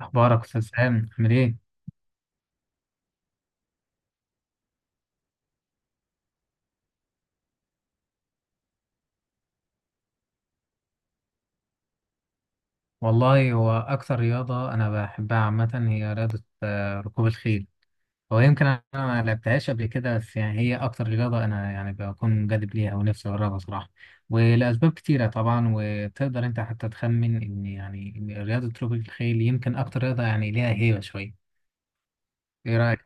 أخبارك أستاذ سام عامل إيه؟ والله هو أكثر رياضة أنا بحبها عامة هي رياضة ركوب الخيل. هو يمكن أنا ما لعبتهاش قبل كده، بس يعني هي أكثر رياضة أنا يعني بكون منجذب ليها ونفسي أجربها صراحة. ولأسباب كتيرة طبعا، وتقدر أنت حتى تخمن إن يعني إن رياضة ركوب الخيل يمكن أكثر رياضة يعني ليها هيبة شوية. إيه رأيك؟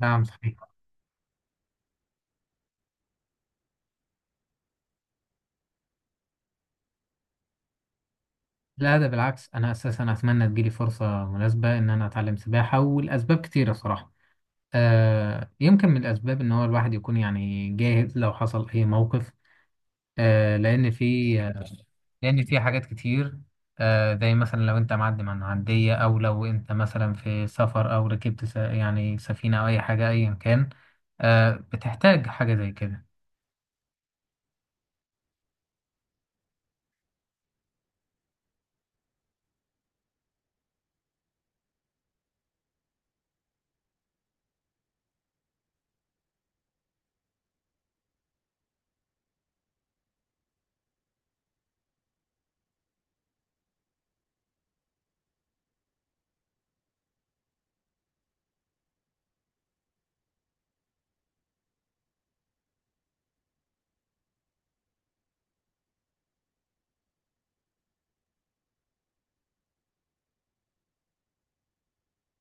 نعم، صحيح. لا، ده بالعكس، أنا أساسا أتمنى تجيلي فرصة مناسبة إن أنا أتعلم سباحة، والأسباب كتيرة صراحة. يمكن من الأسباب إن هو الواحد يكون يعني جاهز لو حصل أي موقف. آه، لأن في آه، لأن في حاجات كتير. زي مثلا لو أنت معدي من عندية، أو لو أنت مثلا في سفر، أو ركبت يعني سفينة أو أي حاجة أيا كان، بتحتاج حاجة زي كده.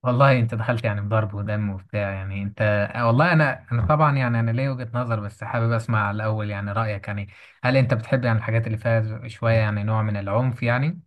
والله أنت دخلت يعني بضرب ودم وبتاع يعني أنت. والله أنا طبعا يعني أنا ليا وجهة نظر، بس حابب أسمع الأول يعني رأيك يعني. هل أنت بتحب يعني الحاجات اللي فيها شوية يعني نوع من العنف يعني؟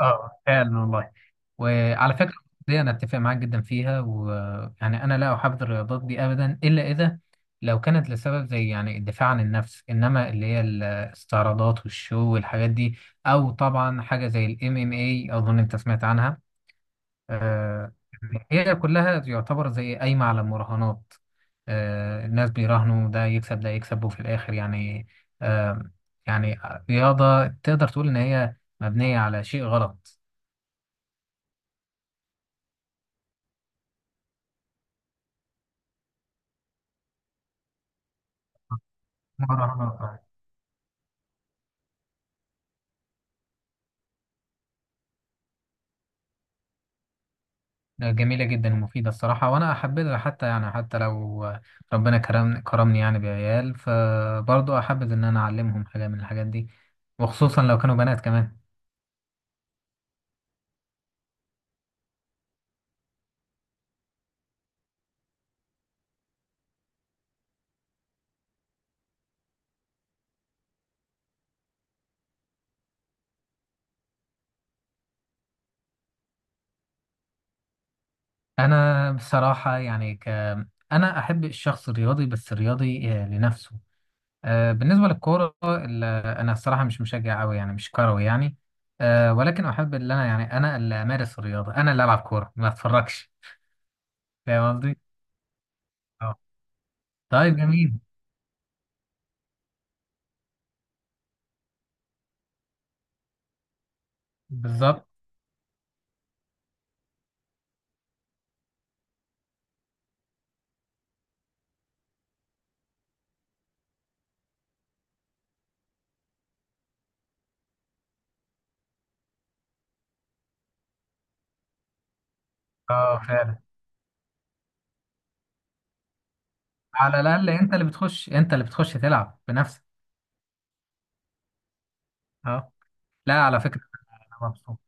اه، فعلا والله. وعلى فكرة دي أنا أتفق معاك جدا فيها، ويعني أنا لا أحب الرياضات دي أبدا، إلا إذا لو كانت لسبب زي يعني الدفاع عن النفس، إنما اللي هي الاستعراضات والشو والحاجات دي، أو طبعا حاجة زي ال MMA، أظن أنت سمعت عنها. آه، هي كلها يعتبر زي قايمة على المراهنات. الناس بيراهنوا ده يكسب ده يكسب، وفي الآخر يعني آه، يعني رياضة تقدر تقول إن هي مبنية على شيء غلط. مراهنات. جميلة جدا ومفيدة الصراحة، وأنا أحبذها حتى يعني حتى لو ربنا كرم كرمني يعني بعيال، فبرضه أحبذ إن أنا أعلمهم حاجة من الحاجات دي، وخصوصا لو كانوا بنات كمان. أنا بصراحة يعني أنا أحب الشخص الرياضي، بس الرياضي لنفسه. بالنسبة للكورة أنا الصراحة مش مشجع أوي، يعني مش كروي يعني. ولكن أحب إن أنا يعني أنا اللي أمارس الرياضة، أنا اللي ألعب كورة ما أتفرجش. فاهم قصدي؟ آه. طيب جميل. بالظبط. اه، فعلا. على الاقل انت اللي بتخش تلعب بنفسك. اه. لا، على فكره. انا مبسوط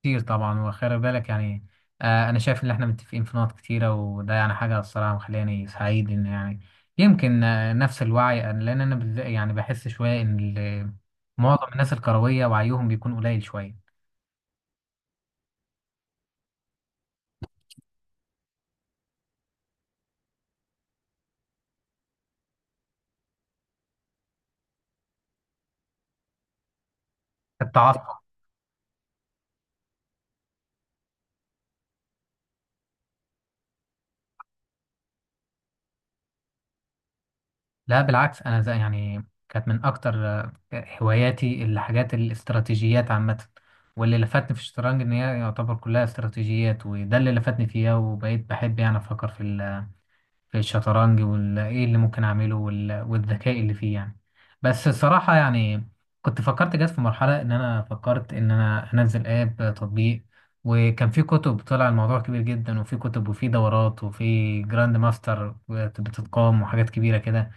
كتير طبعا، وخلي بالك يعني. انا شايف ان احنا متفقين في نقط كتيره، وده يعني حاجه الصراحه مخلاني سعيد ان يعني يمكن نفس الوعي لان انا بالذات يعني بحس شويه ان معظم الناس الكرويه وعيهم بيكون قليل شويه. التعصب. لا، بالعكس، انا زي يعني كانت من اكتر هواياتي الحاجات الاستراتيجيات عامه. واللي لفتني في الشطرنج ان هي يعتبر كلها استراتيجيات، وده اللي لفتني فيها، وبقيت بحب يعني افكر في في الشطرنج وايه اللي ممكن اعمله والذكاء اللي فيه يعني. بس الصراحه يعني كنت فكرت جت في مرحله ان انا فكرت ان انا انزل اب تطبيق. وكان في كتب، طلع الموضوع كبير جدا، وفي كتب وفي دورات وفي جراند ماستر بتتقام وحاجات كبيره كده.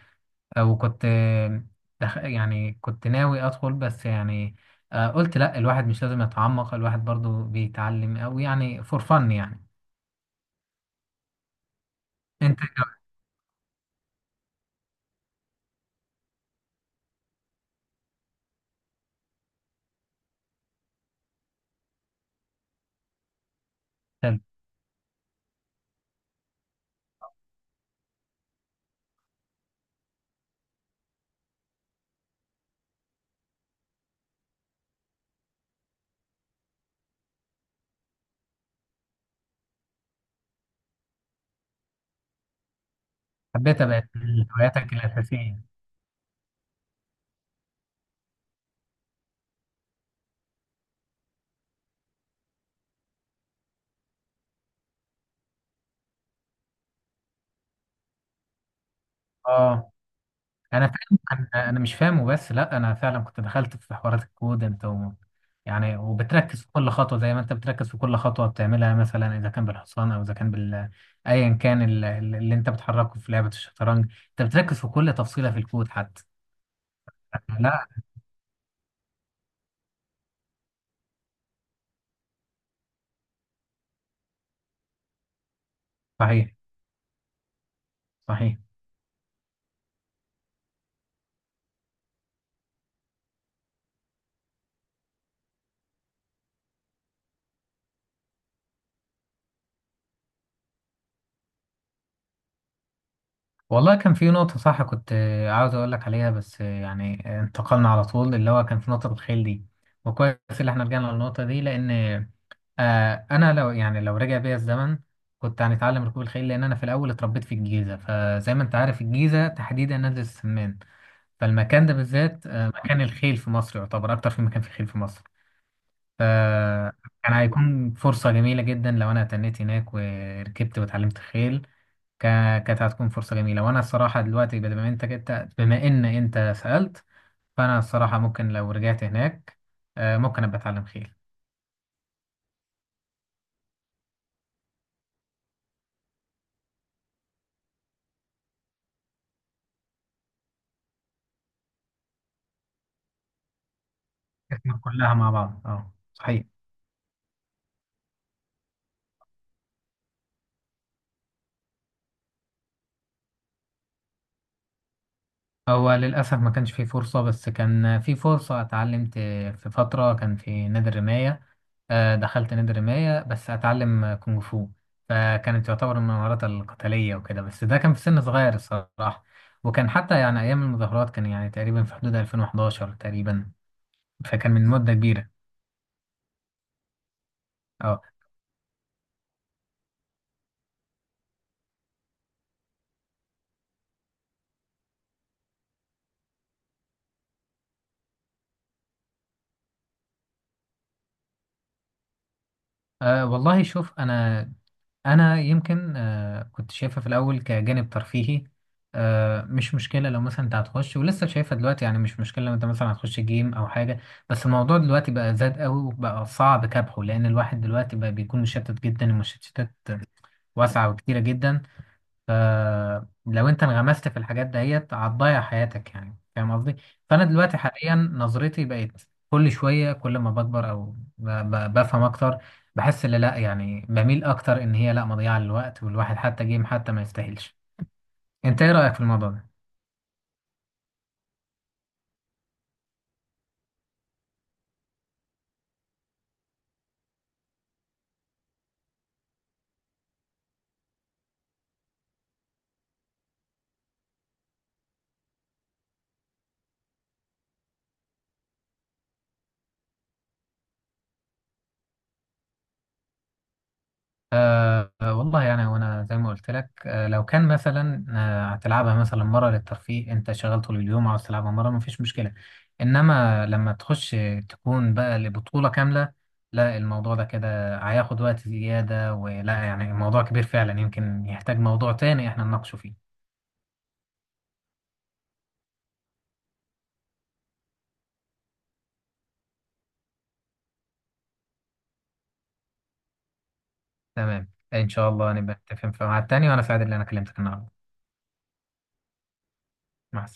وكنت يعني كنت ناوي ادخل، بس يعني قلت لا الواحد مش لازم يتعمق، الواحد برضو بيتعلم او يعني فور فن يعني. انت إيه رأيك؟ حبيت ابقى هواياتك الاساسيه. اه، انا فاهم. انا مش فاهمه، بس لا انا فعلا كنت دخلت في حوارات الكود انت و... يعني وبتركز في كل خطوه زي ما انت بتركز في كل خطوه بتعملها، مثلا اذا كان بالحصان او اذا كان بال، ايا كان اللي انت بتحركه في لعبه الشطرنج، انت بتركز في كل تفصيله في الكود حتى. لا. صحيح. صحيح. والله كان في نقطة صح، كنت عاوز أقول لك عليها، بس يعني انتقلنا على طول، اللي هو كان في نقطة الخيل دي، وكويس اللي احنا رجعنا للنقطة دي، لأن أنا لو يعني لو رجع بيا الزمن كنت هنتعلم ركوب الخيل، لأن أنا في الأول اتربيت في الجيزة، فزي ما أنت عارف الجيزة تحديدا نادي السمان، فالمكان ده بالذات مكان الخيل في مصر، يعتبر أكتر في مكان في الخيل في مصر. فكان هيكون فرصة جميلة جدا لو أنا تنيت هناك وركبت واتعلمت خيل. كانت هتكون فرصة جميلة، وأنا الصراحة دلوقتي بما إنك أنت كنت بما إن أنت سألت، فأنا الصراحة ممكن لو رجعت هناك ممكن أبقى أتعلم خيل. إحنا كلها مع بعض، أه صحيح. هو للأسف ما كانش فيه فرصة، بس كان في فرصة اتعلمت. في فترة كان في نادي الرماية، دخلت نادي الرماية بس أتعلم كونغ فو. فكانت تعتبر من المهارات القتالية وكده، بس ده كان في سن صغير الصراحة. وكان حتى يعني أيام المظاهرات، كان يعني تقريبا في حدود 2011 تقريبا، فكان من مدة كبيرة. اه. والله شوف انا انا يمكن كنت شايفها في الاول كجانب ترفيهي. مش مشكلة لو مثلا انت هتخش ولسه شايفها دلوقتي، يعني مش مشكلة لو انت مثلا هتخش جيم او حاجة. بس الموضوع دلوقتي بقى زاد قوي، وبقى صعب كبحه، لان الواحد دلوقتي بقى بيكون مشتت جدا، المشتتات واسعة وكتيرة جدا. فلو انت انغمست في الحاجات ديت هتضيع حياتك، يعني فاهم قصدي. فانا دلوقتي حاليا نظرتي بقت كل شويه، كل ما بكبر او بفهم اكتر، بحس ان لا يعني بميل اكتر ان هي لا مضيعه للوقت، والواحد حتى جيم حتى ما يستاهلش. انت ايه رايك في الموضوع ده؟ أه، والله يعني وانا زي ما قلت لك أه لو كان مثلا هتلعبها مثلا مره للترفيه، انت شغال طول اليوم عاوز تلعبها مره، مفيش مشكله. انما لما تخش تكون بقى لبطوله كامله، لا الموضوع ده كده هياخد وقت زياده، ولا يعني الموضوع كبير فعلا، يمكن يحتاج موضوع تاني احنا نناقشه فيه. تمام، ان شاء الله نبقى نتفق في ميعاد تاني، وانا سعيد ان انا كلمتك النهارده. مع السلامه.